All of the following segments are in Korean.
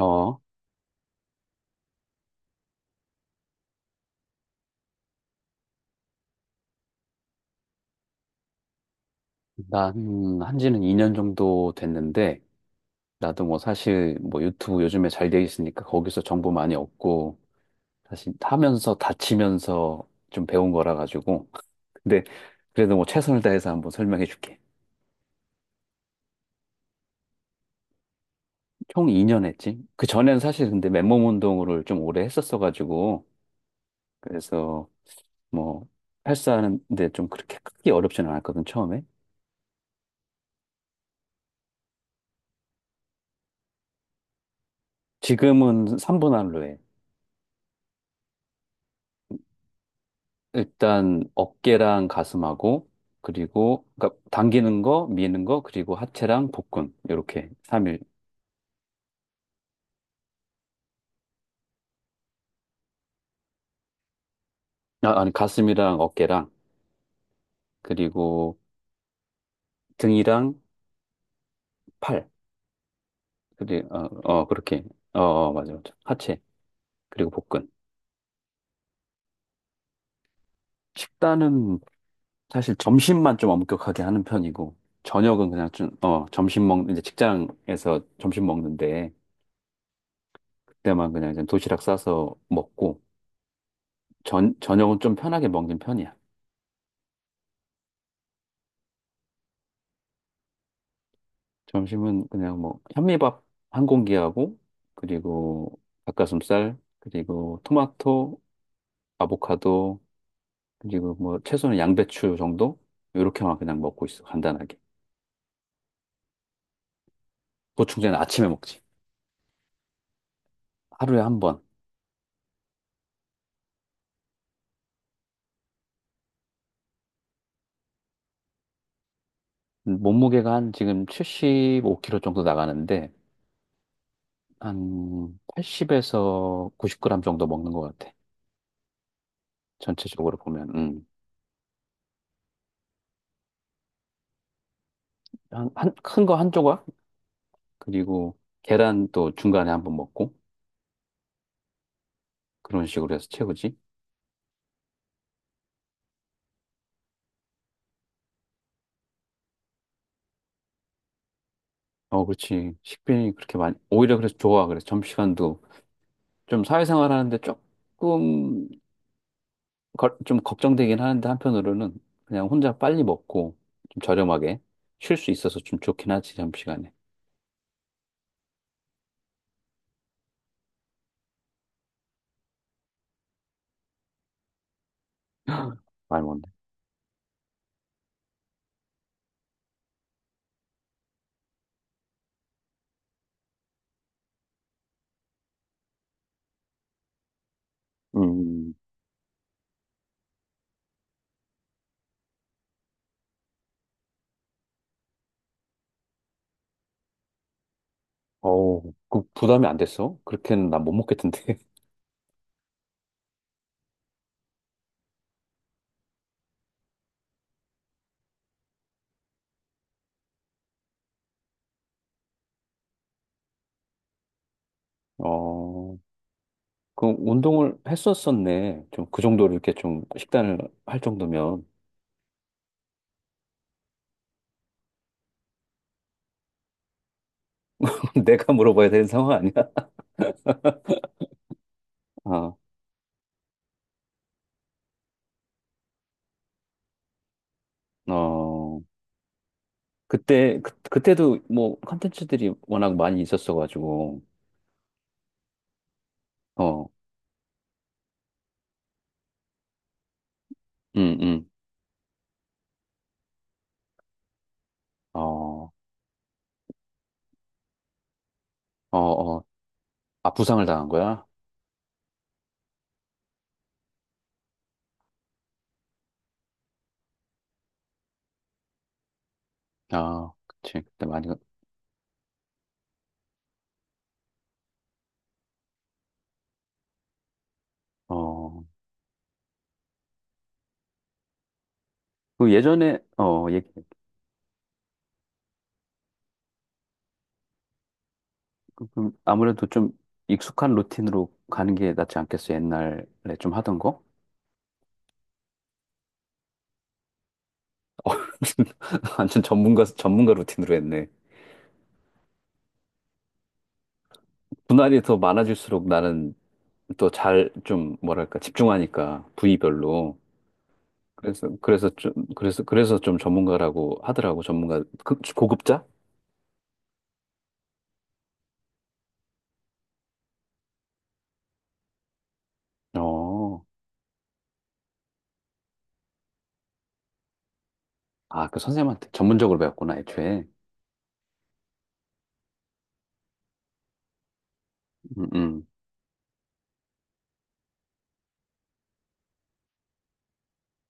어, 난 한지는 2년 정도 됐는데, 나도 뭐 사실 뭐 유튜브 요즘에 잘 돼 있으니까 거기서 정보 많이 얻고, 사실 하면서 다치면서 좀 배운 거라 가지고. 근데 그래도 뭐 최선을 다해서 한번 설명해 줄게. 총 2년 했지? 그 전에는 사실 근데 맨몸 운동을 좀 오래 했었어 가지고, 그래서 뭐 헬스하는데 좀 그렇게 크게 어렵지는 않았거든, 처음에. 지금은 3분 할로 해. 일단 어깨랑 가슴하고 그리고 그러니까 당기는 거, 미는 거, 그리고 하체랑 복근 이렇게 삼일. 아, 아니 가슴이랑 어깨랑 그리고 등이랑 팔. 그리고 어, 어 그렇게. 어, 어 맞아 맞아. 하체 그리고 복근. 식단은 사실 점심만 좀 엄격하게 하는 편이고, 저녁은 그냥 좀 어 점심 먹 이제 직장에서 점심 먹는데 그때만 그냥 이제 도시락 싸서 먹고, 전 저녁은 좀 편하게 먹는 편이야. 점심은 그냥 뭐 현미밥 한 공기하고 그리고 닭가슴살 그리고 토마토, 아보카도, 그리고 뭐 채소는 양배추 정도 이렇게만 그냥 먹고 있어 간단하게. 보충제는 아침에 먹지. 하루에 한 번. 몸무게가 한 지금 75kg 정도 나가는데 한 80에서 90g 정도 먹는 것 같아, 전체적으로 보면. 음. 한 큰 거 한 조각 그리고 계란 또 중간에 한번 먹고 그런 식으로 해서 채우지. 어, 그렇지. 식빈이 그렇게 많이, 오히려 그래서 좋아. 그래서 점심시간도 좀 사회생활 하는데 조금, 좀 걱정되긴 하는데 한편으로는 그냥 혼자 빨리 먹고 좀 저렴하게 쉴 수 있어서 좀 좋긴 하지, 점심시간에. 많이 먹네. 음, 어우, 그 부담이 안 됐어? 그렇게는 난 못 먹겠던데. 어, 그 운동을 했었었네. 좀 그 정도로 이렇게 좀 식단을 할 정도면. 내가 물어봐야 되는 상황 아니야? 아, 어. 그때 그, 그때도 뭐 컨텐츠들이 워낙 많이 있었어가지고. 어, 음, 음, 어, 어, 어, 아 부상을 당한 거야? 아, 그치 그때 많이. 어, 그 예전에 어, 얘 좀 아무래도 좀 익숙한 루틴으로 가는 게 낫지 않겠어? 옛날에 좀 하던 거? 완전 전문가 전문가 루틴으로 했네. 분할이 더 많아질수록 나는 또 잘 좀 뭐랄까 집중하니까 부위별로. 그래서 좀 전문가라고 하더라고. 전문가 그, 고급자? 어. 아, 그 선생님한테 전문적으로 배웠구나 애초에. 음, 음.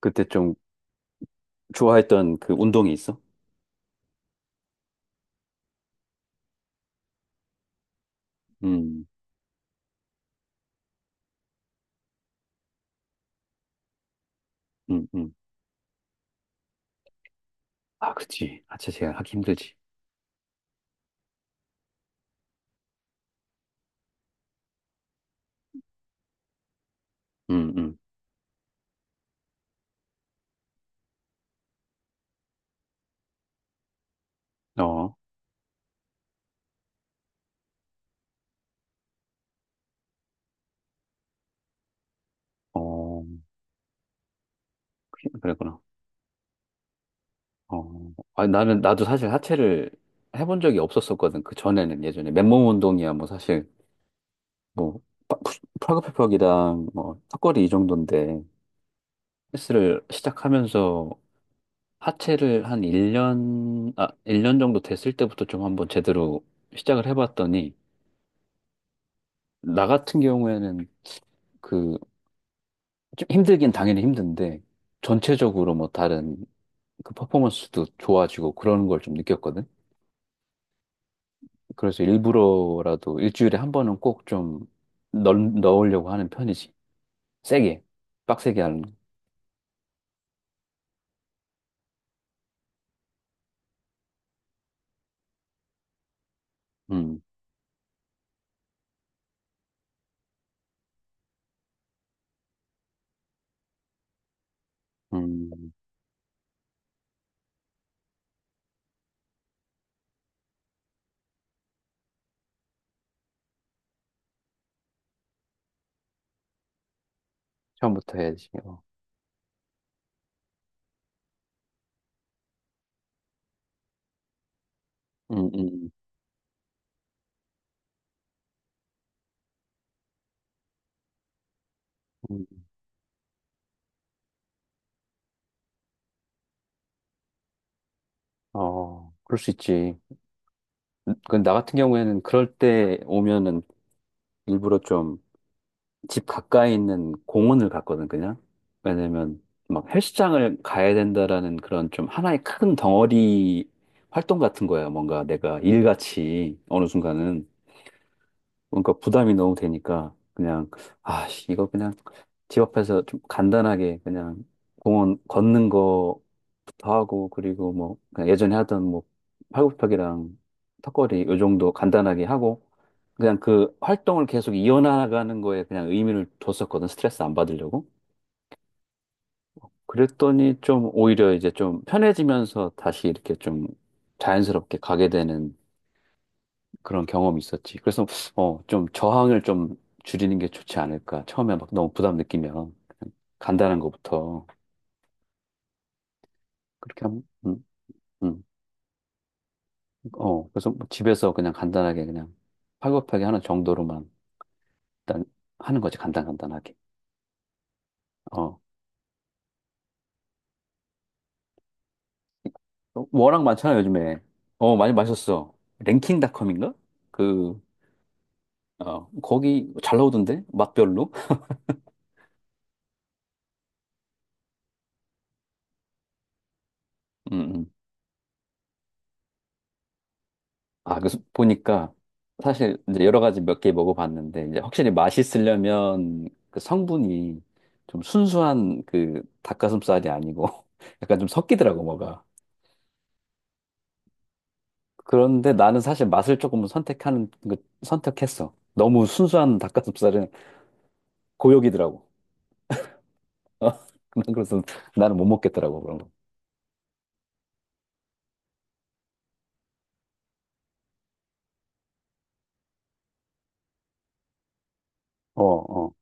그때 좀 좋아했던 그 운동이 있어? 음, 음, 음. 아, 그치. 하체 제가 하기 힘들지. 음, 음. 어, 어, 그- 그랬구나. 어, 아, 나는 나도 사실 하체를 해본 적이 없었었거든. 그 전에는 예전에 맨몸 운동이야 뭐 사실 뭐 파- 푸 팔굽혀펴기랑 뭐 턱걸이 이 정도인데. 헬스를 시작하면서 하체를 한 1년, 아, 일 년 정도 됐을 때부터 좀 한번 제대로 시작을 해봤더니, 나 같은 경우에는 그, 좀 힘들긴 당연히 힘든데, 전체적으로 뭐 다른 그 퍼포먼스도 좋아지고 그런 걸 좀 느꼈거든? 그래서 일부러라도 일주일에 한 번은 꼭 좀 넣으려고 하는 편이지. 세게, 빡세게 하는 거. 음, 음, 처음부터 해야지. 어. 음, 음, 음. 어, 그럴 수 있지. 그 나 같은 경우에는 그럴 때 오면은 일부러 좀 집 가까이 있는 공원을 갔거든, 그냥. 왜냐면 막 헬스장을 가야 된다라는 그런 좀 하나의 큰 덩어리 활동 같은 거야. 뭔가 내가 일같이 어느 순간은. 그러니까 부담이 너무 되니까 그냥 아 씨, 이거 그냥 집 앞에서 좀 간단하게 그냥 공원 걷는 거부터 하고 그리고 뭐 그냥 예전에 하던 뭐 팔굽혀펴기랑 턱걸이 요 정도 간단하게 하고 그냥 그 활동을 계속 이어나가는 거에 그냥 의미를 뒀었거든, 스트레스 안 받으려고. 그랬더니 좀 오히려 이제 좀 편해지면서 다시 이렇게 좀 자연스럽게 가게 되는 그런 경험이 있었지. 그래서 어, 좀 저항을 좀 줄이는 게 좋지 않을까. 처음에 막 너무 부담 느끼면 그냥 간단한 거부터 그렇게 하면. 음. 어, 그래서 뭐 집에서 그냥 간단하게 그냥 팔굽혀펴기 하는 정도로만 일단 하는 거지. 간단 간단하게. 어. 워낙 많잖아, 요즘에. 어, 많이 마셨어. 랭킹닷컴인가? 그 어, 거기 잘 나오던데? 맛별로? 음. 아, 보니까 사실 이제 여러 가지 몇 개 먹어봤는데 이제 확실히 맛있으려면 그 성분이 좀 순수한 그 닭가슴살이 아니고 약간 좀 섞이더라고 뭐가. 그런데 나는 사실 맛을 조금 선택하는 그 선택했어. 너무 순수한 닭가슴살은 고역이더라고. 어, 그래서 나는 못 먹겠더라고 그런 거. 어, 어.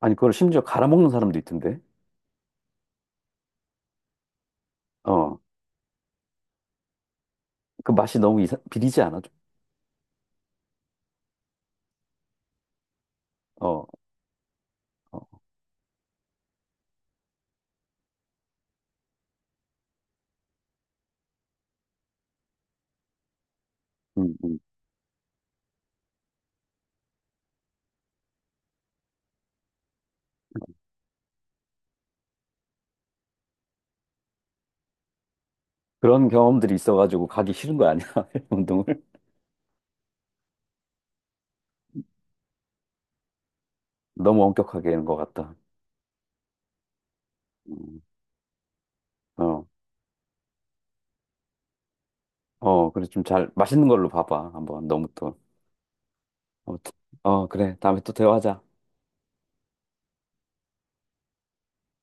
아니 그걸 심지어 갈아 먹는 사람도 있던데. 어. 그 맛이 너무 이상, 비리지 않아? 좀? 어, 어. 음, 음. 그런 경험들이 있어가지고 가기 싫은 거 아니야? 운동을 너무 엄격하게 하는 것 같다. 음, 어, 어, 그래 좀 잘 맛있는 걸로 봐봐. 한번 너무 또, 어, 어, 그래 다음에 또 대화하자.